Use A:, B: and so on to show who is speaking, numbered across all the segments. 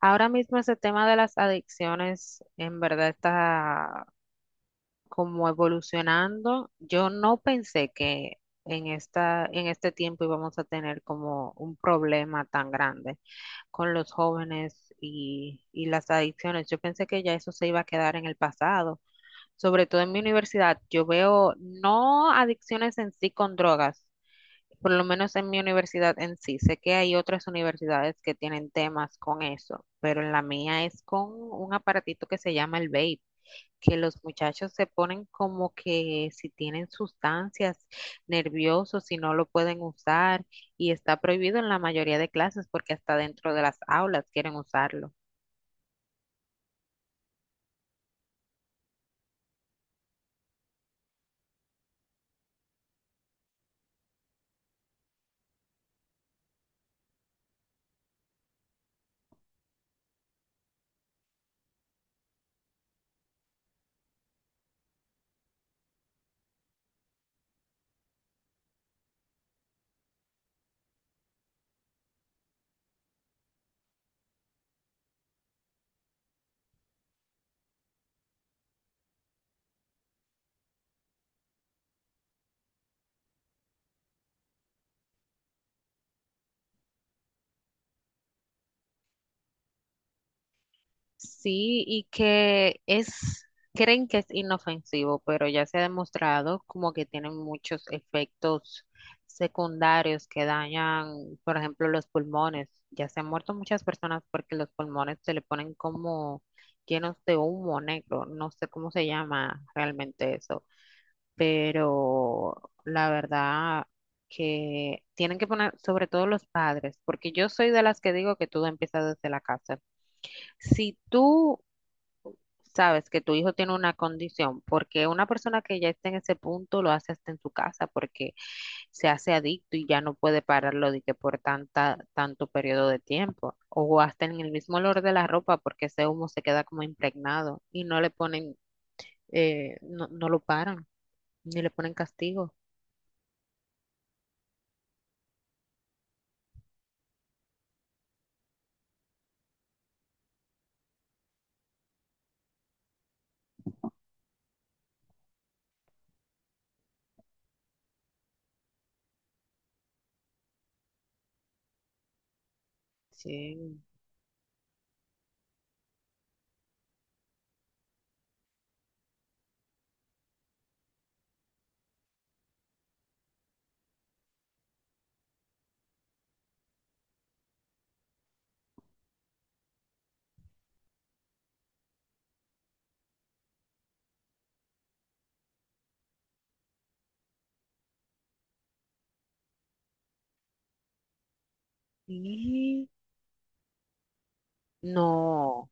A: Ahora mismo ese tema de las adicciones en verdad está como evolucionando. Yo no pensé que en este tiempo íbamos a tener como un problema tan grande con los jóvenes y las adicciones. Yo pensé que ya eso se iba a quedar en el pasado. Sobre todo en mi universidad, yo veo no adicciones en sí con drogas, por lo menos en mi universidad en sí, sé que hay otras universidades que tienen temas con eso, pero en la mía es con un aparatito que se llama el vape, que los muchachos se ponen como que si tienen sustancias nerviosos, si no lo pueden usar, y está prohibido en la mayoría de clases porque hasta dentro de las aulas quieren usarlo. Sí, y que es, creen que es inofensivo, pero ya se ha demostrado como que tienen muchos efectos secundarios que dañan, por ejemplo, los pulmones. Ya se han muerto muchas personas porque los pulmones se le ponen como llenos de humo negro. No sé cómo se llama realmente eso, pero la verdad que tienen que poner, sobre todo los padres, porque yo soy de las que digo que todo empieza desde la casa. Si tú sabes que tu hijo tiene una condición, porque una persona que ya está en ese punto lo hace hasta en su casa, porque se hace adicto y ya no puede pararlo de que por tanto periodo de tiempo, o hasta en el mismo olor de la ropa, porque ese humo se queda como impregnado y no le ponen, no, no lo paran, ni le ponen castigo. Sí. Y no,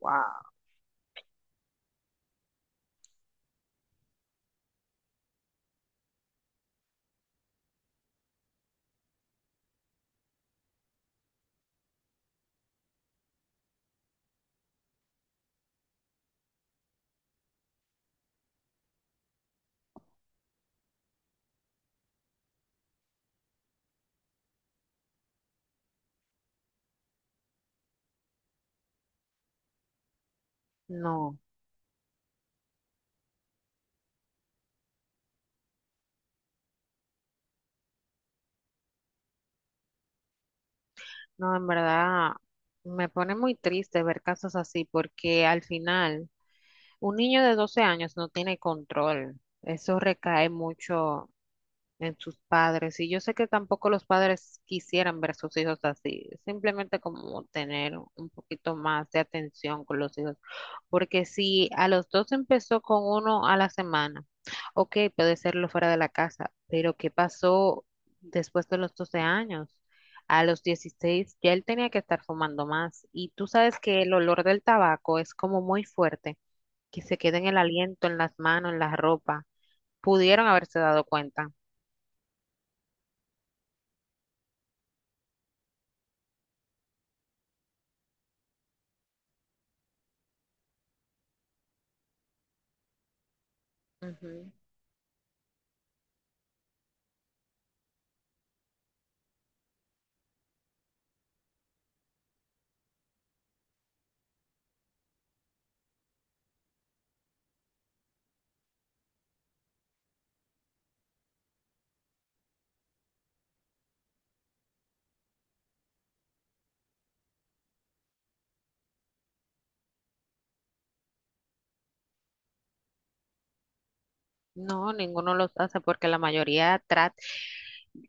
A: wow, no, no, en verdad me pone muy triste ver casos así, porque al final un niño de 12 años no tiene control. Eso recae mucho en sus padres. Y yo sé que tampoco los padres quisieran ver a sus hijos así. Simplemente como tener un poquito más de atención con los hijos. Porque si a los dos empezó con uno a la semana, ok, puede serlo fuera de la casa. Pero ¿qué pasó después de los 12 años? A los 16 ya él tenía que estar fumando más. Y tú sabes que el olor del tabaco es como muy fuerte que se quede en el aliento, en las manos, en la ropa. Pudieron haberse dado cuenta. Ujú. No, ninguno los hace porque la mayoría trata.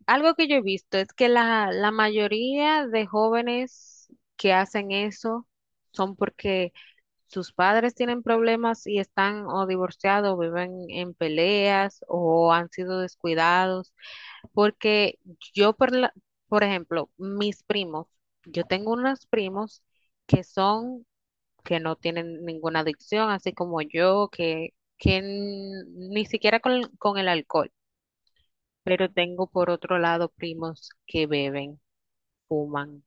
A: Algo que yo he visto es que la mayoría de jóvenes que hacen eso son porque sus padres tienen problemas y están o divorciados, viven en peleas o han sido descuidados. Porque yo, por, la- por ejemplo, mis primos, yo tengo unos primos que son que, no tienen ninguna adicción, así como yo, que ni siquiera con el alcohol. Pero tengo por otro lado primos que beben, fuman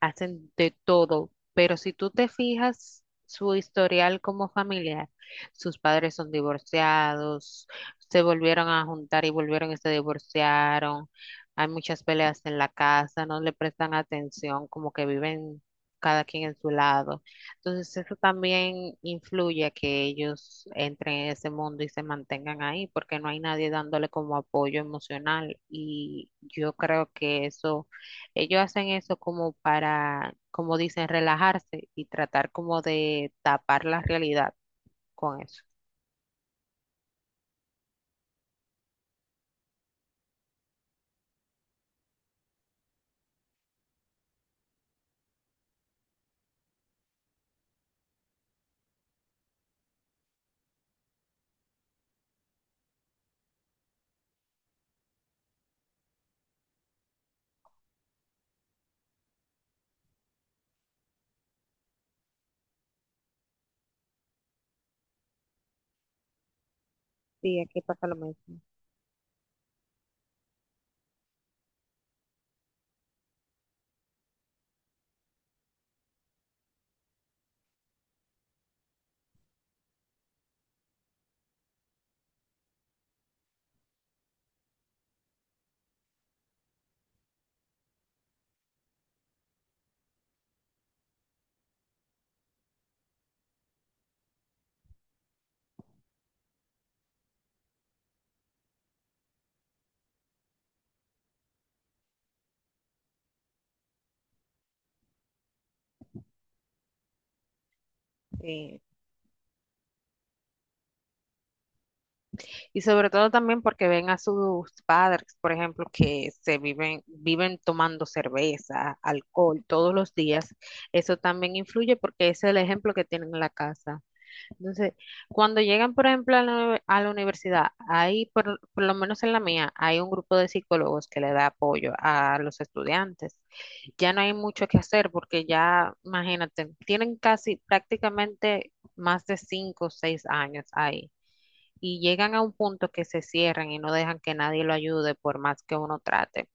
A: hacen de todo, pero si tú te fijas su historial como familiar, sus padres son divorciados, se volvieron a juntar y volvieron y se divorciaron, hay muchas peleas en la casa, no le prestan atención, como que viven cada quien en su lado. Entonces eso también influye a que ellos entren en ese mundo y se mantengan ahí, porque no hay nadie dándole como apoyo emocional y yo creo que eso ellos hacen eso como para, como dicen, relajarse y tratar como de tapar la realidad con eso. Sí, aquí pasa lo mismo. Sí. Y sobre todo también porque ven a sus padres, por ejemplo, que viven tomando cerveza, alcohol todos los días. Eso también influye porque es el ejemplo que tienen en la casa. Entonces, cuando llegan, por ejemplo, a a la universidad, ahí, por lo menos en la mía, hay un grupo de psicólogos que le da apoyo a los estudiantes. Ya no hay mucho que hacer porque ya, imagínate, tienen casi prácticamente más de 5 o 6 años ahí y llegan a un punto que se cierran y no dejan que nadie lo ayude por más que uno trate.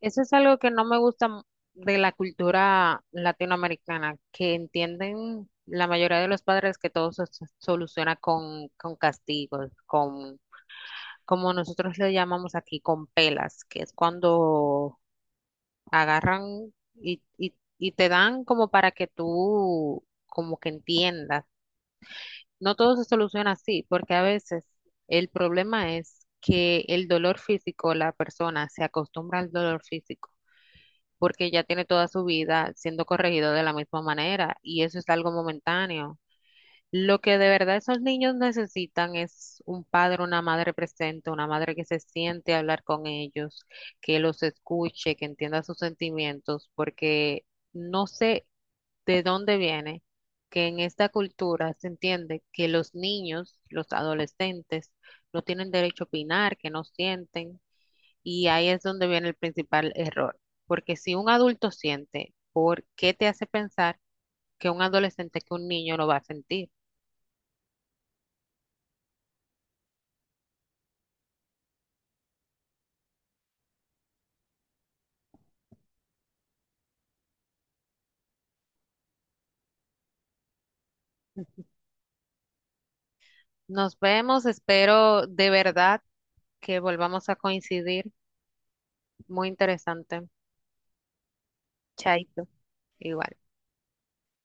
A: Eso es algo que no me gusta de la cultura latinoamericana, que entienden la mayoría de los padres que todo se soluciona con castigos, con, como nosotros le llamamos aquí, con pelas, que es cuando agarran y te dan como para que tú como que entiendas. No todo se soluciona así, porque a veces el problema es que el dolor físico, la persona se acostumbra al dolor físico porque ya tiene toda su vida siendo corregido de la misma manera y eso es algo momentáneo. Lo que de verdad esos niños necesitan es un padre, una madre presente, una madre que se siente a hablar con ellos, que los escuche, que entienda sus sentimientos, porque no sé de dónde viene que en esta cultura se entiende que los niños, los adolescentes, no tienen derecho a opinar, que no sienten. Y ahí es donde viene el principal error, porque si un adulto siente, ¿por qué te hace pensar que un adolescente, que un niño lo va a sentir? Nos vemos, espero de verdad que volvamos a coincidir. Muy interesante. Chaito, igual.